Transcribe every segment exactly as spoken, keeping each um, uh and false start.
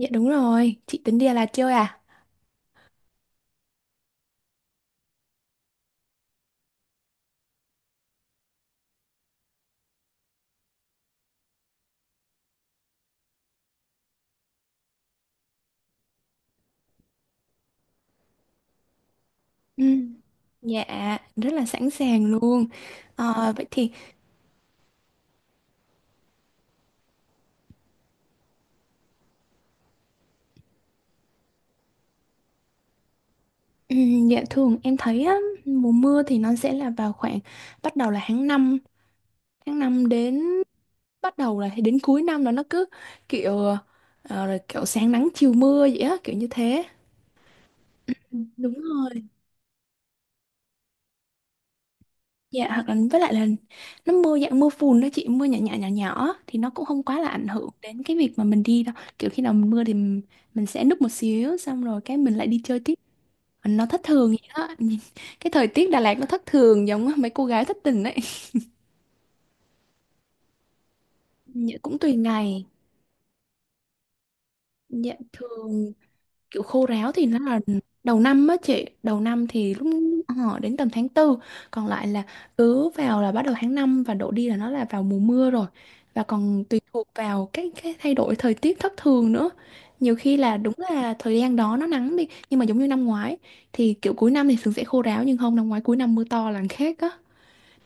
Dạ đúng rồi, chị tính đi Đà Lạt chơi à? Ừ. Dạ, rất là sẵn sàng luôn. Ờ, vậy thì ừm, dạ thường em thấy á, mùa mưa thì nó sẽ là vào khoảng bắt đầu là tháng năm tháng năm đến bắt đầu là đến cuối năm đó nó cứ kiểu ờ, rồi kiểu sáng nắng chiều mưa vậy á, kiểu như thế. Ừ. Đúng rồi. Dạ hoặc là với lại là nó mưa dạng mưa phùn đó chị, mưa nhỏ nhỏ nhỏ nhỏ thì nó cũng không quá là ảnh hưởng đến cái việc mà mình đi đâu, kiểu khi nào mình mưa thì m- mình sẽ núp một xíu xong rồi cái mình lại đi chơi tiếp, nó thất thường vậy đó. Nhìn- cái thời tiết Đà Lạt nó thất thường giống mấy cô gái thất tình ấy. Dạ cũng tùy ngày. Dạ thường kiểu khô ráo thì nó là đầu năm á chị, đầu năm thì lúc họ đến tầm tháng tư, còn lại là cứ vào là bắt đầu tháng năm và đổ đi là nó là vào mùa mưa rồi, và còn tùy thuộc vào cái cái thay đổi thời tiết thất thường nữa. Nhiều khi là đúng là thời gian đó nó nắng đi nhưng mà giống như năm ngoái thì kiểu cuối năm thì thường sẽ khô ráo, nhưng không, năm ngoái cuối năm mưa to là khác á,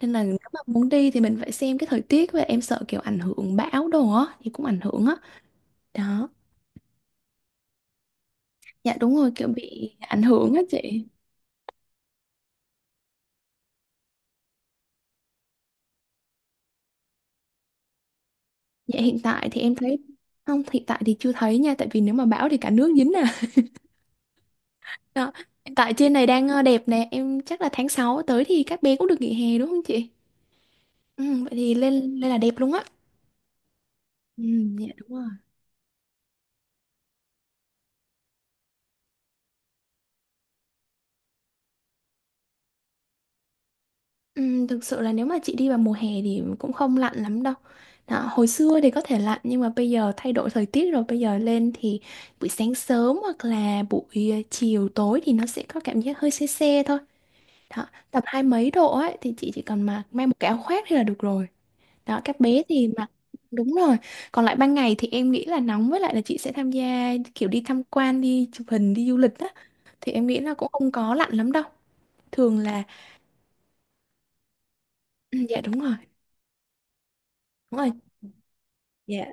nên là nếu mà muốn đi thì mình phải xem cái thời tiết, và em sợ kiểu ảnh hưởng bão đồ á thì cũng ảnh hưởng á đó. Dạ đúng rồi, kiểu bị ảnh hưởng á chị. Dạ hiện tại thì em thấy không, hiện tại thì chưa thấy nha, tại vì nếu mà bão thì cả nước dính à. Đó. Hiện tại trên này đang ờ, đẹp nè, em chắc là tháng sáu tới thì các bé cũng được nghỉ hè đúng không chị? Ừ, vậy thì lên lên là đẹp luôn á. Ừ, dạ đúng rồi. Ừm, thực sự là nếu mà chị đi vào mùa hè thì cũng không lạnh lắm đâu. Đó, hồi xưa thì có thể lạnh nhưng mà bây giờ thay đổi thời tiết rồi, bây giờ lên thì buổi sáng sớm hoặc là buổi ờ, chiều tối thì nó sẽ có cảm giác hơi se se thôi. Đó, tầm hai mấy độ ấy thì chị chỉ cần mặc, mang một cái áo khoác thì là được rồi. Đó, các bé thì mặc đúng rồi. Còn lại ban ngày thì em nghĩ là nóng, với lại là chị sẽ tham gia kiểu đi tham quan, đi chụp hình, đi du lịch á, thì em nghĩ là cũng không có lạnh lắm đâu. Thường là ừ, dạ đúng rồi. Đúng rồi. Dạ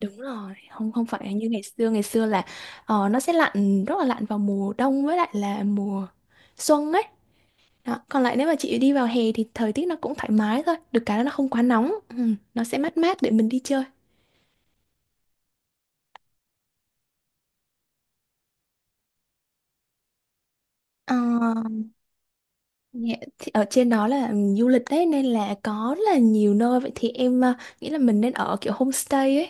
đúng rồi, không, không phải như ngày xưa, ngày xưa là ờ, nó sẽ lạnh, rất là lạnh vào mùa đông với lại là mùa xuân ấy đó. Còn lại nếu mà chị đi vào hè thì thời tiết nó cũng thoải mái thôi, được cái là nó không quá nóng, ừ, nó sẽ mát mát để mình đi chơi. Ờ, Dạ, thì ở trên đó là ừ, du lịch đấy nên là có rất là nhiều nơi, vậy thì em ờ, nghĩ là mình nên ở kiểu homestay ấy,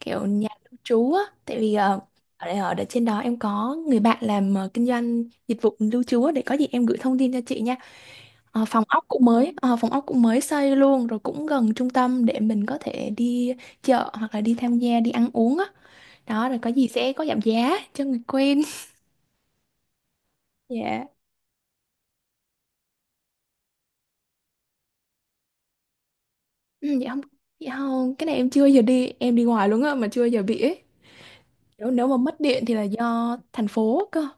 kiểu nhà lưu trú á, tại vì ờ, ở đây ở, ở trên đó em có người bạn làm ờ, kinh doanh dịch vụ lưu trú á, để có gì em gửi thông tin cho chị nha. Ờ, phòng ốc cũng mới ờ, phòng ốc cũng mới xây luôn rồi, cũng gần trung tâm để mình có thể đi chợ hoặc là đi tham gia, đi ăn uống á, đó, rồi có gì sẽ có giảm giá cho người quen. Dạ. Ừ, dạ không, dạ không, cái này em chưa giờ đi, em đi ngoài luôn á mà chưa giờ bị ấy. Nếu nếu mà mất điện thì là do thành phố cơ.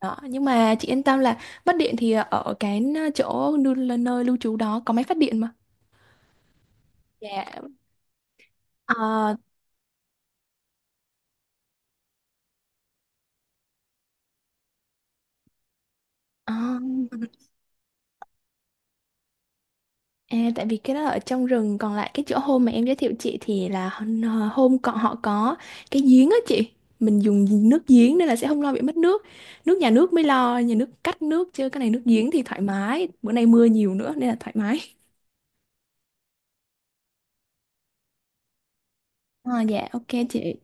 Đó, nhưng mà chị yên tâm là mất điện thì ở cái chỗ nơi, nơi lưu trú đó có máy phát điện mà. Dạ. Ờ, ờ, À, tại vì cái đó ở trong rừng, còn lại cái chỗ hôm mà em giới thiệu chị thì là h- hôm còn, họ có cái giếng á chị, mình dùng nước giếng nên là sẽ không lo bị mất nước. Nước nhà nước mới lo, nhà nước cắt nước, chứ cái này nước giếng thì thoải mái, bữa nay mưa nhiều nữa nên là thoải mái. À, dạ ok chị.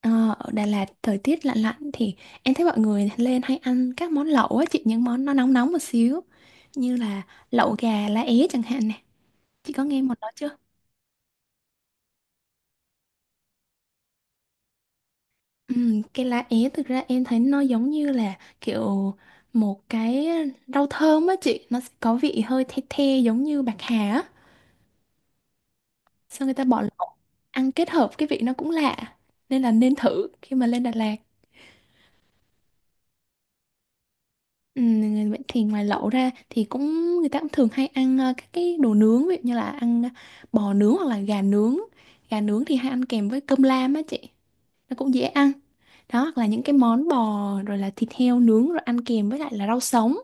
Ờ, ở Đà Lạt thời tiết lạnh lạnh thì em thấy mọi người lên hay ăn các món lẩu á chị, những món nó nóng nóng một xíu, như là lẩu gà lá é chẳng hạn nè, chị có nghe món đó chưa? Ừm, cái lá é thực ra em thấy nó giống như là kiểu một cái rau thơm á chị, nó sẽ có vị hơi the the giống như bạc hà á, sao người ta bỏ lẩu ăn kết hợp cái vị nó cũng lạ, nên là nên thử khi mà lên Đà Lạt. Ừm, vậy thì ngoài lẩu ra thì cũng, người ta cũng thường hay ăn ờ, các cái đồ nướng, ví dụ như là ăn bò nướng hoặc là gà nướng, gà nướng thì hay ăn kèm với cơm lam á chị, nó cũng dễ ăn, đó, hoặc là những cái món bò rồi là thịt heo nướng rồi ăn kèm với lại là rau sống.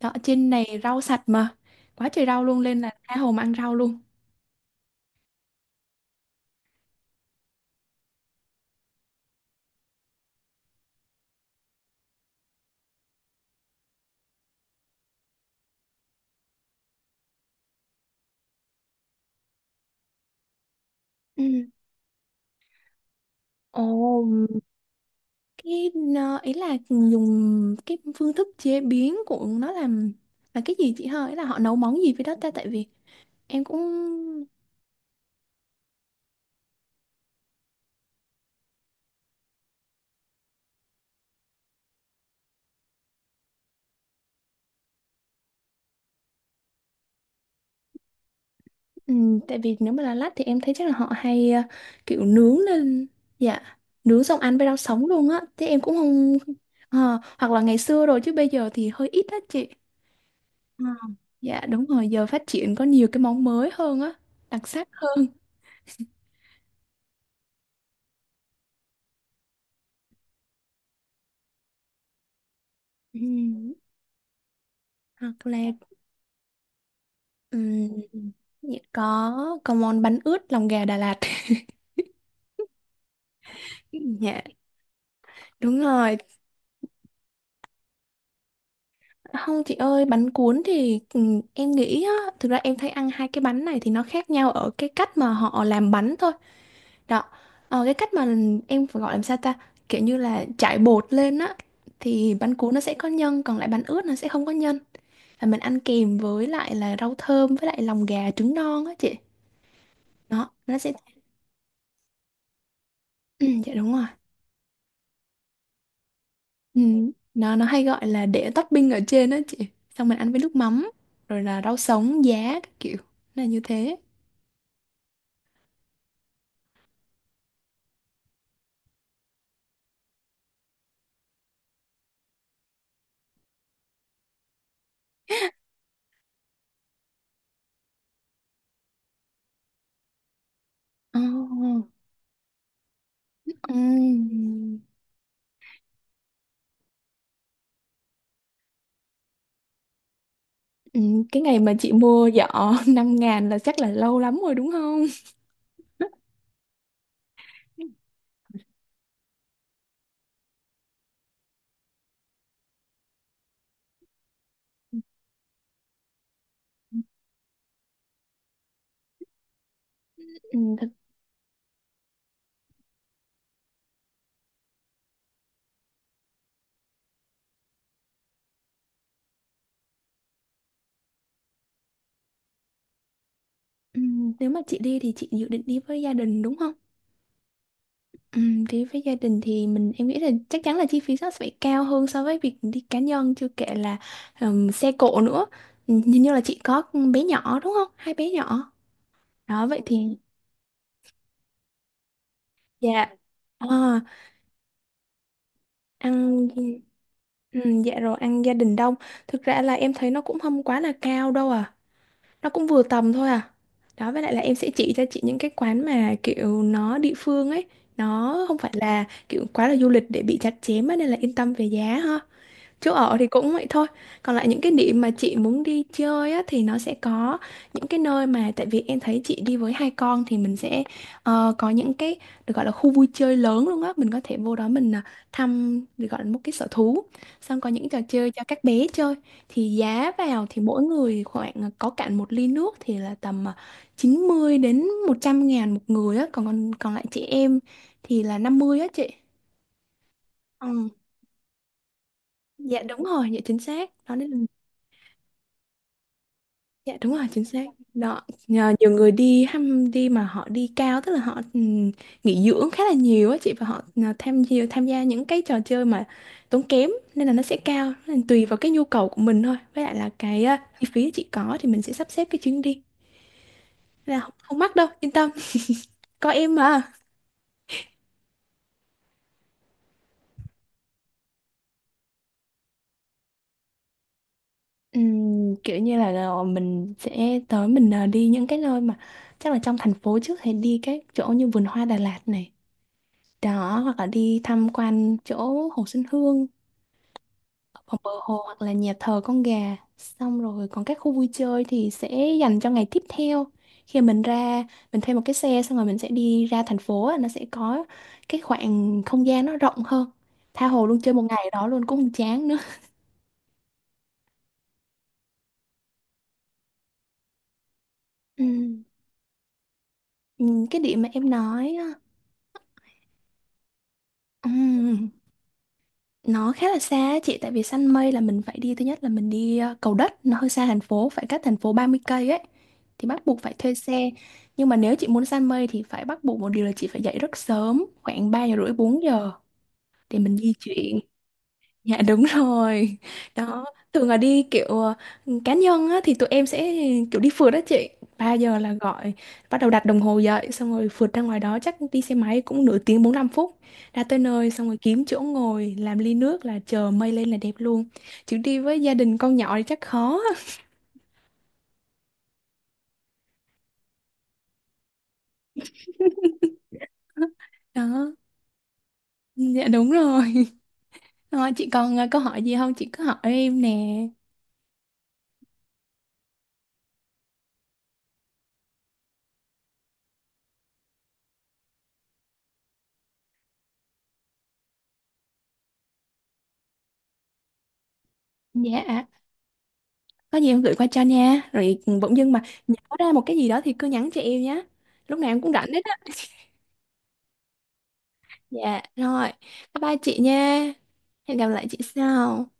Đó, trên này rau sạch mà. Quá trời rau luôn nên là tha hồ mà ăn rau luôn. Ừ. Ồ, cái nó- ý là dùng cái phương thức chế biến của nó làm là cái gì chị hả? Ý là họ nấu món gì với đó ta, tại vì em cũng ừ, tại vì nếu mà là lát thì em thấy chắc là họ hay ờ, kiểu nướng lên, dạ, nướng xong ăn với rau sống luôn á, thế em cũng không ờ, hoặc là ngày xưa rồi chứ bây giờ thì hơi ít á chị. Ừ. Dạ đúng rồi, giờ phát triển có nhiều cái món mới hơn á, đặc sắc hơn. Ừm, Hoặc là ừm, dạ, có có món bánh ướt lòng gà Đà Lạt. Dạ đúng rồi. Không chị ơi, bánh cuốn thì ừm, em nghĩ á, thực ra em thấy ăn hai cái bánh này thì nó khác nhau ở cái cách mà họ làm bánh thôi. Đó, ờ, cái cách mà em phải gọi làm sao ta? Kiểu như là trải bột lên á, thì bánh cuốn nó sẽ có nhân, còn lại bánh ướt nó sẽ không có nhân. Và mình ăn kèm với lại là rau thơm với lại lòng gà, trứng non á chị, nó nó sẽ ừ, dạ đúng rồi. Ừ. nó nó hay gọi là để topping ở trên đó chị, xong mình ăn với nước mắm rồi là rau sống, giá các kiểu. Nó là như thế. Ồ. ừm, ừm, cái ngày mà chị mua giỏ năm ngàn là chắc là lâu lắm rồi đúng không? Ừm, thật. ừm, nếu mà chị đi thì chị dự định đi với gia đình đúng không? Ừm, đi với gia đình thì mình, em nghĩ là chắc chắn là chi phí nó sẽ phải cao hơn so với việc đi cá nhân, chưa kể là ừm, xe cộ nữa. Ừm, hình như là chị có con bé nhỏ đúng không, hai bé nhỏ đó, vậy thì, dạ. Ờ, ăn ừm, dạ rồi, ăn gia đình đông, thực ra là em thấy nó cũng không quá là cao đâu à, nó cũng vừa tầm thôi à đó. Với lại là em sẽ chỉ cho chị những cái quán mà kiểu nó địa phương ấy, nó không phải là kiểu quá là du lịch để bị chặt chém á, nên là yên tâm về giá ha. Chỗ ở thì cũng vậy thôi. Còn lại những cái điểm mà chị muốn đi chơi á, thì nó sẽ có những cái nơi mà, tại vì em thấy chị đi với hai con thì mình sẽ ờ, có những cái được gọi là khu vui chơi lớn luôn á. Mình có thể vô đó, mình à, thăm được gọi là một cái sở thú. Xong có những trò chơi cho các bé chơi. Thì giá vào thì mỗi người khoảng à, có cạn một ly nước thì là tầm à, chín mươi đến một trăm ngàn một người á. Còn còn còn lại chị em thì là năm mươi á chị. Ừ. Dạ đúng rồi, dạ chính xác. Đó nên, dạ đúng rồi, chính xác đó, nhờ nhiều người đi ham đi mà họ đi cao, tức là họ ừm, nghỉ dưỡng khá là nhiều á chị, và họ à, tham gia tham gia những cái trò chơi mà tốn kém nên là nó sẽ cao, nên là tùy vào cái nhu cầu của mình thôi, với lại là cái à, chi phí chị có thì mình sẽ sắp xếp cái chuyến đi. Nên là không, không mắc đâu, yên tâm, có em mà. Ừm, kiểu như là, là, mình sẽ tới, mình ờ, đi những cái nơi mà chắc là trong thành phố trước, thì đi các chỗ như vườn hoa Đà Lạt này, đó, hoặc là đi tham quan chỗ Hồ Xuân Hương, hoặc bờ hồ, hoặc là nhà thờ con gà, xong rồi còn các khu vui chơi thì sẽ dành cho ngày tiếp theo, khi mình ra mình thuê một cái xe xong rồi mình sẽ đi ra thành phố á, nó sẽ có cái khoảng không gian nó rộng hơn, tha hồ luôn, chơi một ngày ở đó luôn cũng không chán nữa. Ừm, ừm, cái điểm mà em nói á, nó khá là xa á chị, tại vì săn mây là mình phải đi, thứ nhất là mình đi ờ, Cầu Đất, nó hơi xa thành phố, phải cách thành phố ba mươi cây ấy, thì bắt buộc phải thuê xe. Nhưng mà nếu chị muốn săn mây thì phải bắt buộc một điều là chị phải dậy rất sớm, khoảng ba giờ rưỡi bốn giờ để mình di chuyển. Dạ đúng rồi. Đó, thường là đi kiểu ờ, cá nhân á, thì tụi em sẽ kiểu đi phượt đó chị. Ba giờ là gọi, bắt đầu đặt đồng hồ dậy, xong rồi phượt ra ngoài đó, chắc đi xe máy cũng nửa tiếng bốn lăm phút. Ra tới nơi xong rồi kiếm chỗ ngồi, làm ly nước là chờ mây lên là đẹp luôn. Chứ đi với gia đình con nhỏ thì chắc khó. Đó, dạ đúng rồi. Rồi, chị còn ờ, câu hỏi gì không? Chị cứ hỏi em nè. Dạ. Có gì em gửi qua cho nha, rồi bỗng dưng mà nhớ ra một cái gì đó thì cứ nhắn cho em nhé, lúc nào em cũng rảnh hết á. Dạ rồi, bye bye chị nha, hẹn gặp lại chị sau.